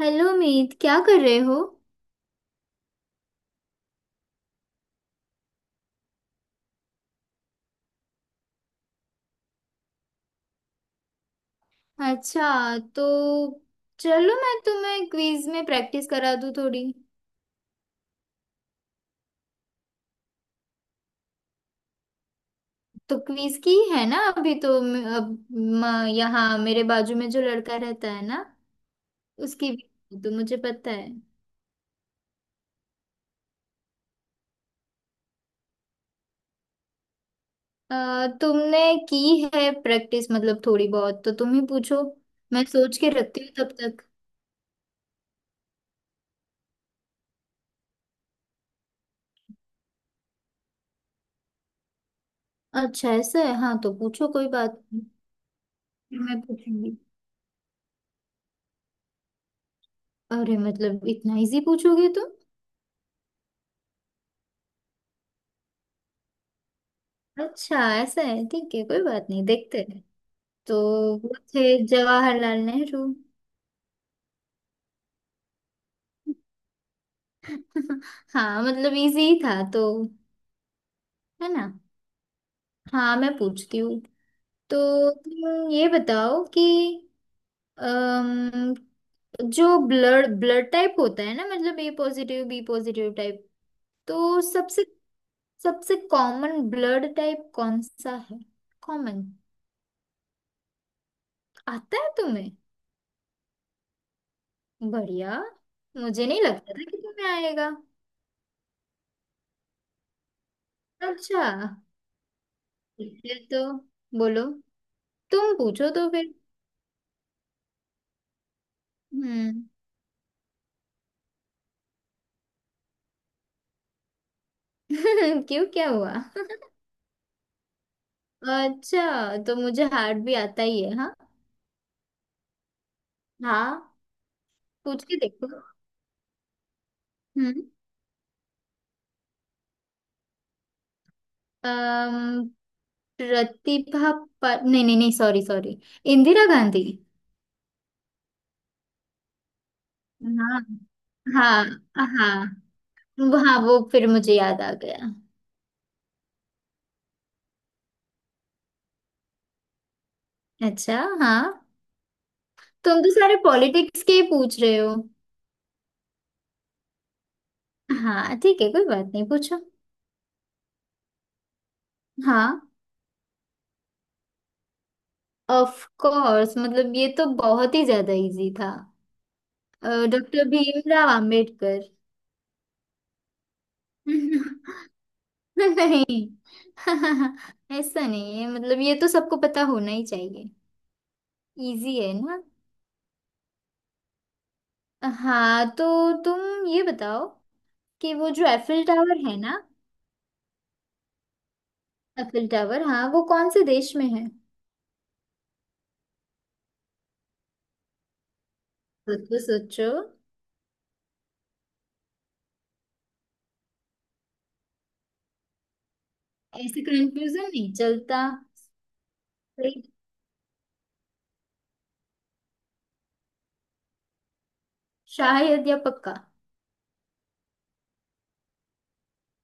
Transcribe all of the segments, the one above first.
Hello Meet, क्या कर रहे हो? अच्छा तो चलो, मैं तुम्हें क्विज में प्रैक्टिस करा दूँ थोड़ी। तो क्विज की है ना। अभी तो यहाँ मेरे बाजू में जो लड़का रहता है ना, उसकी भी तो मुझे पता है। तुमने की है प्रैक्टिस, मतलब थोड़ी बहुत, तो तुम ही पूछो। मैं सोच के रखती हूँ तब तक। अच्छा ऐसा है, हाँ तो पूछो, कोई बात नहीं। फिर मैं पूछूंगी। अरे, मतलब इतना इजी पूछोगे तुम? अच्छा ऐसा है, ठीक है, कोई बात नहीं, देखते हैं। तो वो थे जवाहरलाल नेहरू। हाँ, मतलब इजी ही था तो। है ना। हाँ, मैं पूछती हूँ। तो तुम ये बताओ कि अम, जो ब्लड ब्लड टाइप होता है ना, मतलब A positive, B positive type. तो सबसे सबसे कॉमन ब्लड टाइप कौन सा है? कॉमन। आता है तुम्हें? बढ़िया। मुझे नहीं लगता था कि तुम्हें आएगा। अच्छा। फिर तो बोलो। तुम पूछो तो फिर। हम्म। क्यों, क्या हुआ? अच्छा, तो मुझे हार्ट भी आता ही है हाँ। हाँ। पूछ के देखो। हम्म। अम, प्रतिभा। पर नहीं नहीं नहीं, सॉरी सॉरी। इंदिरा गांधी। हाँ हाँ, हाँ। हाँ, वो फिर मुझे याद आ गया। अच्छा हाँ। तुम तो सारे पॉलिटिक्स के ही पूछ रहे हो। हाँ ठीक है, कोई बात नहीं, पूछो। हाँ। ऑफ कोर्स, मतलब ये तो बहुत ही ज्यादा इजी था। डॉक्टर भीमराव आम्बेडकर। नहीं। ऐसा नहीं है, मतलब ये तो सबको पता होना ही चाहिए। इजी है ना। हाँ, तो तुम ये बताओ कि वो जो एफिल टावर है ना। एफिल टावर, हाँ, वो कौन से देश में है? सोचो सोचो। ऐसे कंफ्यूजन नहीं चलता। सही। शायद या पक्का?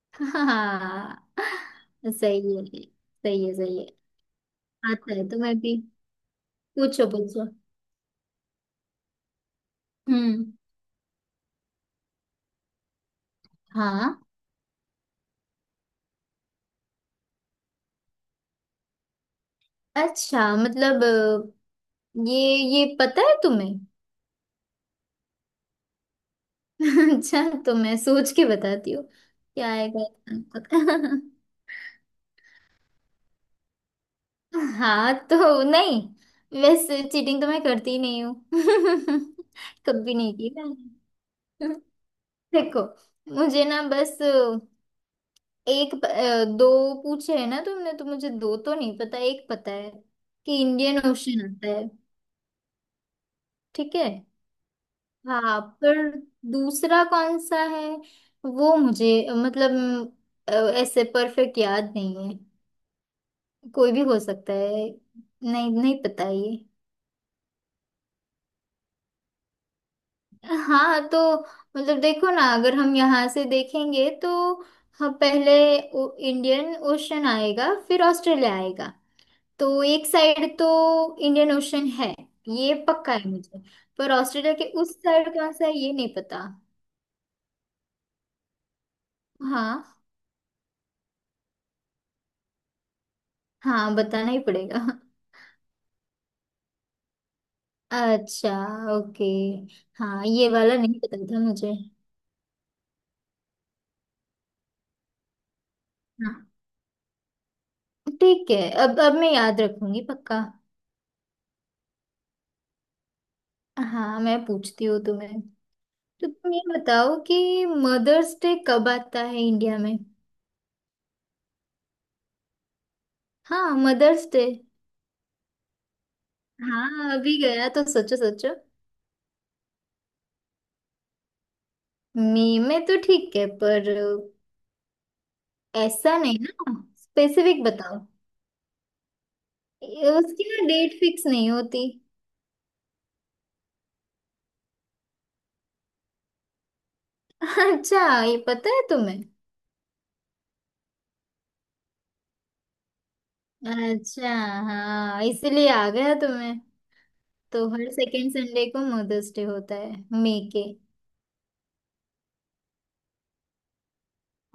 हाँ। सही है, सही है, सही है। आता है तुम्हें भी। पूछो पूछो। हम्म। हाँ। अच्छा मतलब, ये ये पता है तुम्हें? अच्छा, तो मैं सोच के बताती हूँ। क्या आएगा इसका पता। हाँ तो नहीं। वैसे चीटिंग तो मैं करती ही नहीं हूँ। कभी नहीं की मैंने। देखो। मुझे ना बस, दो पूछे है ना तुमने, तो मुझे दो तो नहीं पता, एक पता है। कि इंडियन ओशन आता है। ठीक है। हाँ पर, दूसरा कौन सा है? वो मुझे, मतलब, अ, ऐसे परफेक्ट याद नहीं है। कोई भी हो सकता है। नहीं, नहीं पता ये। हाँ तो मतलब देखो ना, अगर हम यहाँ से देखेंगे तो। हम पहले इंडियन ओशन आएगा, फिर ऑस्ट्रेलिया आएगा। तो एक साइड तो इंडियन ओशन है। ये पक्का है मुझे। पर ऑस्ट्रेलिया के उस साइड कौन सा है, ये नहीं पता। हाँ हाँ, बताना ही पड़ेगा। अच्छा। ओके। हाँ, ये वाला नहीं पता था मुझे। हाँ, ठीक है। अब मैं याद रखूंगी पक्का। हाँ, मैं पूछती हूँ तुम्हें। तो तुम ये बताओ कि मदर्स डे कब आता है इंडिया में? हाँ, मदर्स डे। हाँ, अभी गया तो सोचो सोचो। मई में तो ठीक है, पर। ऐसा नहीं ना। स्पेसिफिक बताओ। ये उसकी ना डेट फिक्स नहीं होती। अच्छा, ये पता है तुम्हें? अच्छा, हाँ इसीलिए आ गया तुम्हें। तो हर सेकेंड संडे को मदर्स डे होता है। मई के।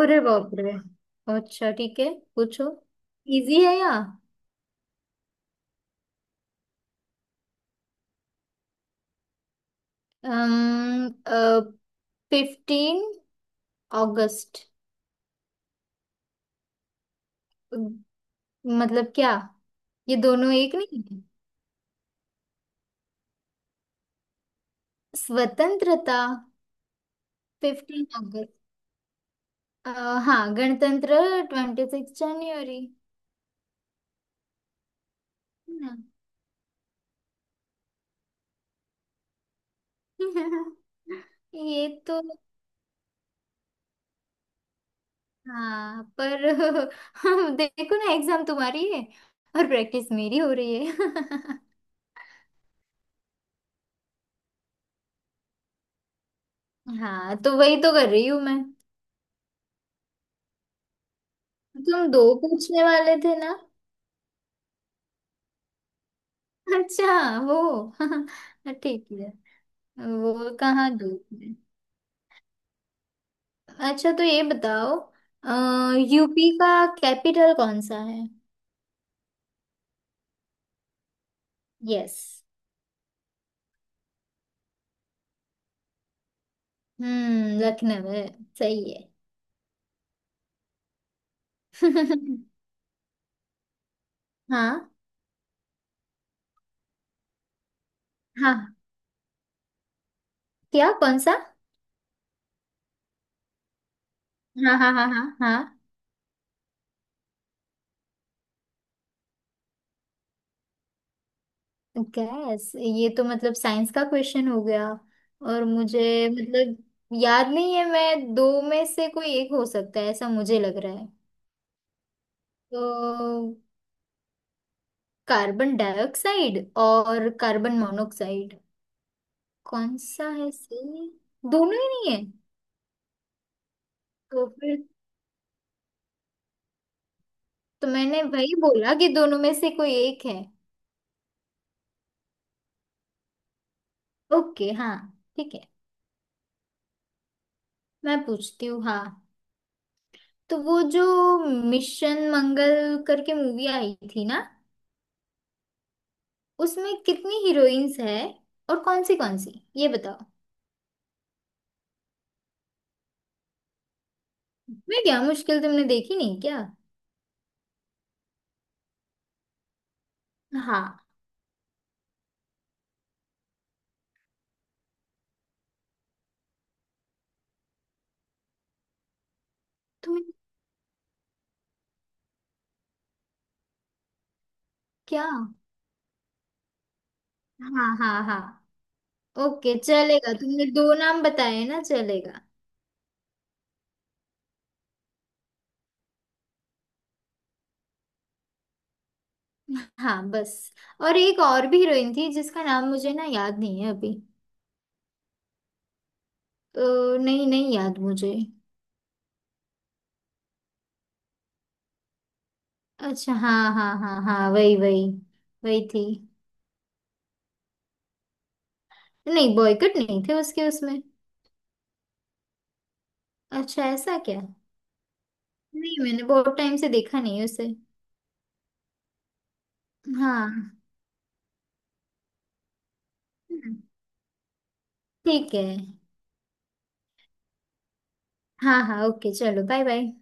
अरे बाप रे। अच्छा, ठीक है। पूछो। इजी है या? 15 अगस्त। मतलब क्या? ये दोनों एक नहीं है? स्वतंत्रता। 15 अगस्त। अ, हाँ, गणतंत्र। 26 जनवरी। ना। ये तो, हाँ पर देखो ना, एग्जाम तुम्हारी है, और प्रैक्टिस मेरी हो रही है। हाँ तो वही तो कर रही हूँ मैं। तुम दो पूछने वाले थे ना? अच्छा। वो। ठीक है। वो कहाँ गई? अच्छा, तो ये बताओ। यूपी का कैपिटल कौन सा है? यस। हम्म, लखनऊ है। सही है। हाँ। हाँ, क्या? कौन सा? हाँ, हाँ, हाँ, हाँ, हाँ। गैस, ये तो मतलब साइंस का क्वेश्चन हो गया। और मुझे मतलब याद नहीं है, मैं दो में से कोई एक हो सकता है ऐसा मुझे लग रहा है। तो कार्बन डाइऑक्साइड और कार्बन मोनोक्साइड। कौन सा है सही? दोनों ही नहीं है? तो फिर। तो मैंने वही बोला कि दोनों में से कोई एक है। ओके, हाँ। ठीक है। मैं पूछती हूँ, हाँ। तो वो जो मिशन मंगल करके मूवी आई थी ना, उसमें कितनी हीरोइंस है, और कौन सी ये बताओ। मैं क्या मुश्किल? तुमने देखी नहीं क्या? हाँ। तुमने क्या? हाँ, हाँ, हाँ। ओके, चलेगा, तुमने दो नाम बताए ना, चलेगा। हाँ, बस। और एक और भी हीरोइन थी जिसका नाम मुझे ना याद नहीं है अभी। तो नहीं, नहीं याद मुझे। अच्छा, हाँ, हाँ, हाँ, हाँ, वही वही। वही थी। नहीं, बॉयकट नहीं थे उसके, उसमें। अच्छा, ऐसा क्या? नहीं, मैंने बहुत टाइम से देखा नहीं उसे। हाँ, ठीक है। हाँ हाँ, ओके, चलो, बाय बाय।